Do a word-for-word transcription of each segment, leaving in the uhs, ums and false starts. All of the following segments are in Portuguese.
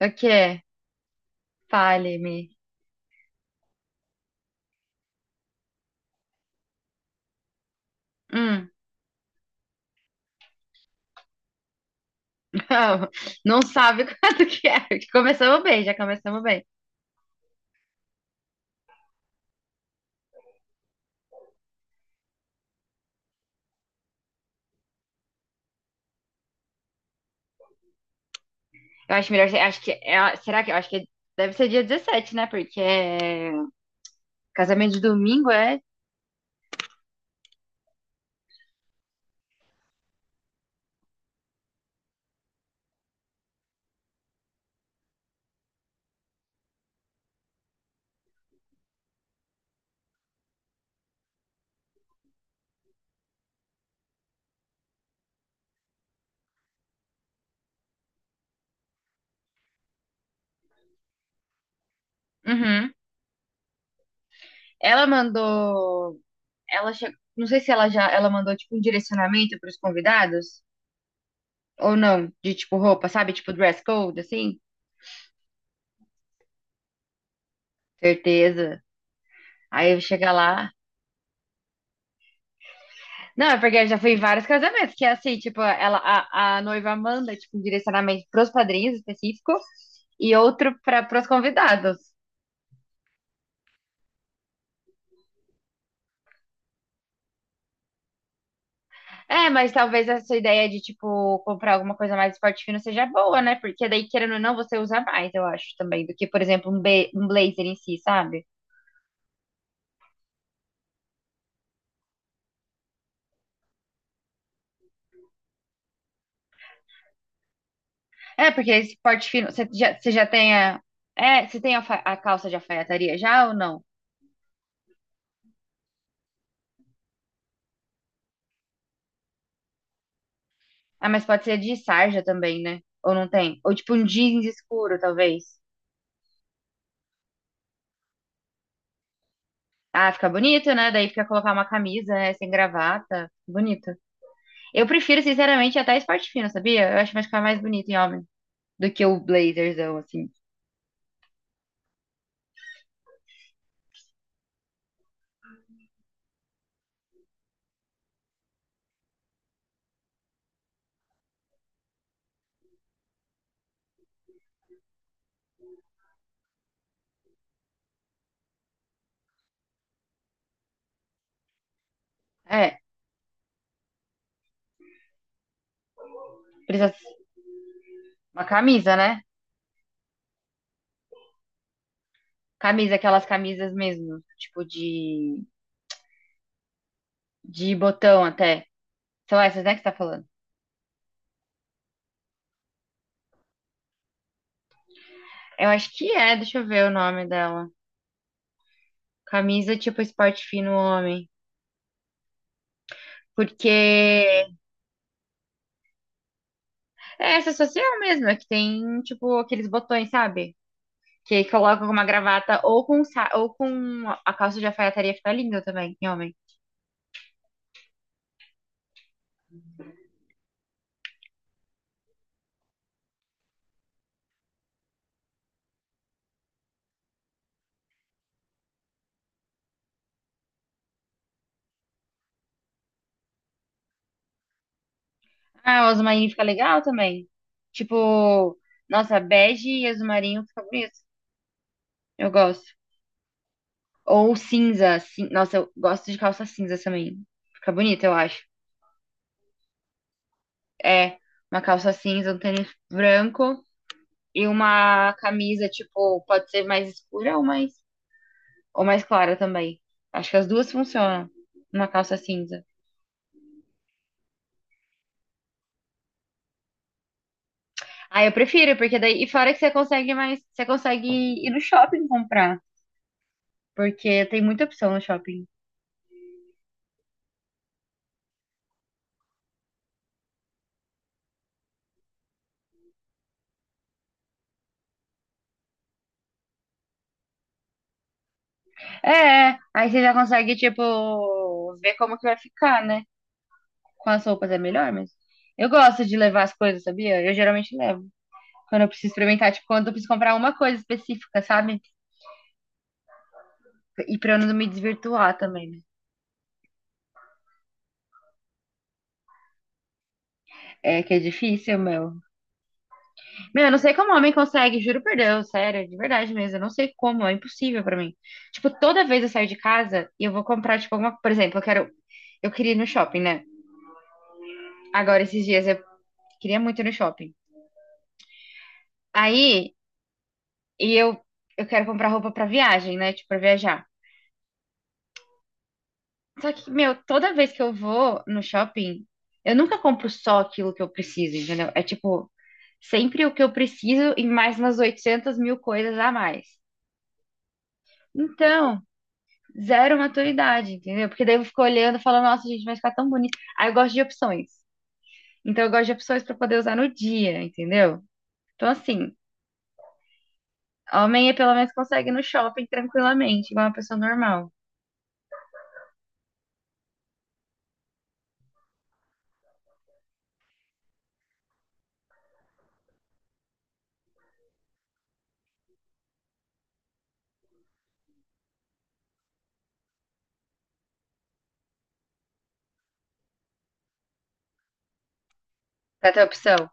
O quê? Fale-me. Hum. Não, não sabe quanto que é. Começamos bem, já começamos bem. Eu acho melhor, acho que é, será que, eu acho que deve ser dia dezessete, né? Porque é, casamento de domingo é. Uhum. Ela mandou, ela che- não sei se ela já, ela mandou tipo um direcionamento para os convidados ou não, de tipo roupa, sabe? Tipo dress code assim? Certeza. Aí chega lá. Não, é porque eu já fui em vários casamentos, que é assim, tipo, ela, a, a noiva manda, tipo, um direcionamento pros padrinhos específico e outro para pros convidados. É, mas talvez essa ideia de, tipo, comprar alguma coisa mais de esporte fino seja boa, né? Porque daí, querendo ou não, você usa mais, eu acho, também, do que, por exemplo, um, be- um blazer em si, sabe? É, porque esse esporte fino, você já, você já tem a... É, você tem a, fa- a calça de alfaiataria já ou não? Ah, mas pode ser de sarja também, né? Ou não tem? Ou, tipo, um jeans escuro, talvez. Ah, fica bonito, né? Daí fica colocar uma camisa, né? Sem gravata. Bonito. Eu prefiro, sinceramente, até esporte fino, sabia? Eu acho que vai ficar mais bonito em homem do que o blazerzão, assim. É, precisa ser uma camisa, né? Camisa, aquelas camisas mesmo, tipo de, de botão até. São essas, né, que você tá falando? Eu acho que é, deixa eu ver o nome dela. Camisa tipo esporte fino homem. Porque é essa social mesmo, é que tem, tipo, aqueles botões, sabe? Que aí colocam com uma gravata ou com, um sa- ou com a calça de alfaiataria fica linda também, em homem. Ah, o azul marinho fica legal também. Tipo, nossa, bege e azul marinho fica bonito. Eu gosto. Ou cinza, cin- nossa, eu gosto de calça cinza também. Fica bonito, eu acho. É, uma calça cinza, um tênis branco e uma camisa, tipo, pode ser mais escura ou mais, ou mais clara também. Acho que as duas funcionam. Uma calça cinza. Ah, eu prefiro, porque daí. E fora que você consegue mais. Você consegue ir no shopping comprar. Porque tem muita opção no shopping. É, aí você já consegue, tipo, ver como que vai ficar, né? Com as roupas é melhor, mas eu gosto de levar as coisas, sabia? Eu geralmente levo. Quando eu preciso experimentar, tipo, quando eu preciso comprar uma coisa específica, sabe? E pra eu não me desvirtuar também, né? É que é difícil, meu. Meu, eu não sei como homem consegue, juro por Deus, sério, de verdade mesmo. Eu não sei como, é impossível pra mim. Tipo, toda vez eu saio de casa e eu vou comprar, tipo, alguma. Por exemplo, eu quero. Eu queria ir no shopping, né? Agora, esses dias, eu queria muito ir no shopping. Aí, e eu, eu quero comprar roupa pra viagem, né? Tipo, pra viajar. Só que, meu, toda vez que eu vou no shopping, eu nunca compro só aquilo que eu preciso, entendeu? É tipo, sempre o que eu preciso e mais umas oitocentas mil coisas a mais. Então. Zero maturidade, entendeu? Porque daí eu fico olhando e falo, nossa, gente, vai ficar tão bonito. Aí eu gosto de opções. Então eu gosto de opções pra poder usar no dia, entendeu? Então, assim, homem pelo menos consegue ir no shopping tranquilamente, igual uma pessoa normal. Pra ter opção.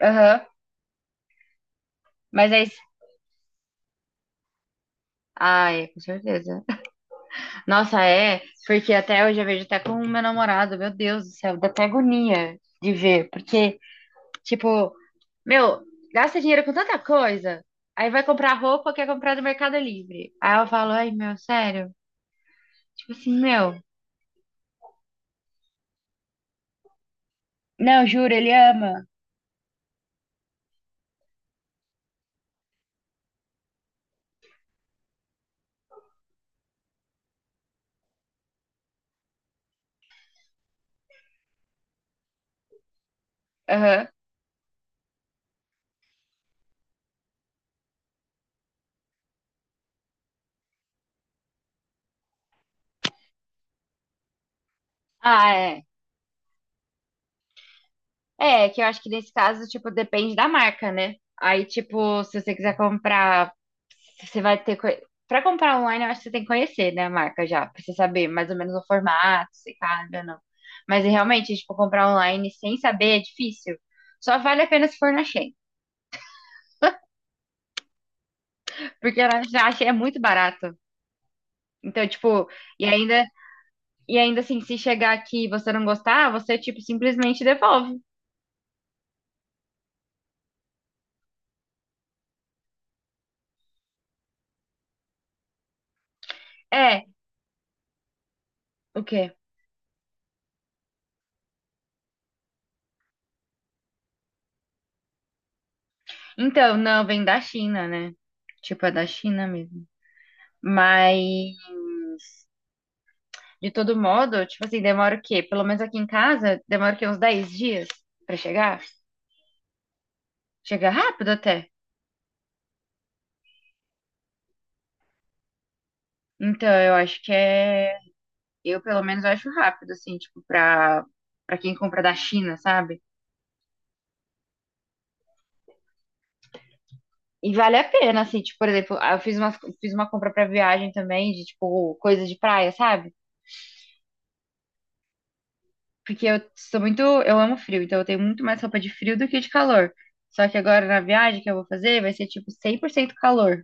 Aham. Mas aí. Ah, é, com certeza. Nossa, é, porque até hoje eu vejo até com o meu namorado, meu Deus do céu, dá até agonia de ver, porque tipo, meu, gasta dinheiro com tanta coisa. Aí vai comprar roupa, quer comprar no Mercado Livre. Aí eu falo, ai, meu, sério? Tipo assim, meu. Não, juro, ele ama. Aham. Ah, é. É, que eu acho que nesse caso, tipo, depende da marca, né? Aí, tipo, se você quiser comprar, você vai ter. co- Pra comprar online, eu acho que você tem que conhecer, né, a marca já, pra você saber mais ou menos o formato, se cabe ou não. Mas realmente, tipo, comprar online sem saber é difícil. Só vale a pena se for na... Porque ela já acha é muito barato. Então, tipo, e ainda, e ainda assim, se chegar aqui e você não gostar, você, tipo, simplesmente devolve. É, o quê? Então, não, vem da China, né? Tipo, é da China mesmo. Mas, de todo modo, tipo assim, demora o quê? Pelo menos aqui em casa, demora o quê? Uns dez dias pra chegar? Chega rápido até. Então, eu acho que é. Eu, pelo menos, acho rápido, assim, tipo, pra, pra quem compra da China, sabe? E vale a pena, assim, tipo, por exemplo, eu fiz uma, fiz uma compra pra viagem também, de, tipo, coisa de praia, sabe? Porque eu sou muito, eu amo frio, então eu tenho muito mais roupa de frio do que de calor. Só que agora na viagem que eu vou fazer vai ser, tipo, cem por cento calor.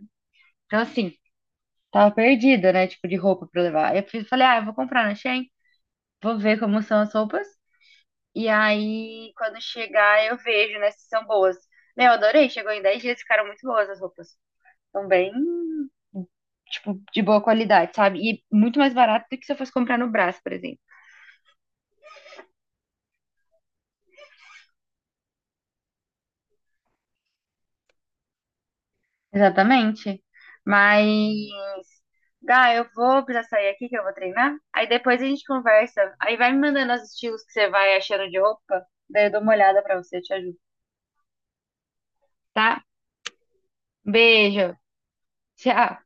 Então, assim, tava perdida, né, tipo, de roupa pra levar. Eu fiz- falei, ah, eu vou comprar na Shein, vou ver como são as roupas. E aí, quando chegar, eu vejo, né, se são boas. Meu, adorei, chegou em dez dias, ficaram muito boas as roupas. São bem, tipo, de boa qualidade, sabe? E muito mais barato do que se eu fosse comprar no Brás, por exemplo. Exatamente. Mas, Gá, eu vou precisar sair aqui que eu vou treinar. Aí depois a gente conversa. Aí vai me mandando os estilos que você vai achando de roupa. Daí eu dou uma olhada pra você, eu te ajudo, tá? Beijo. Tchau.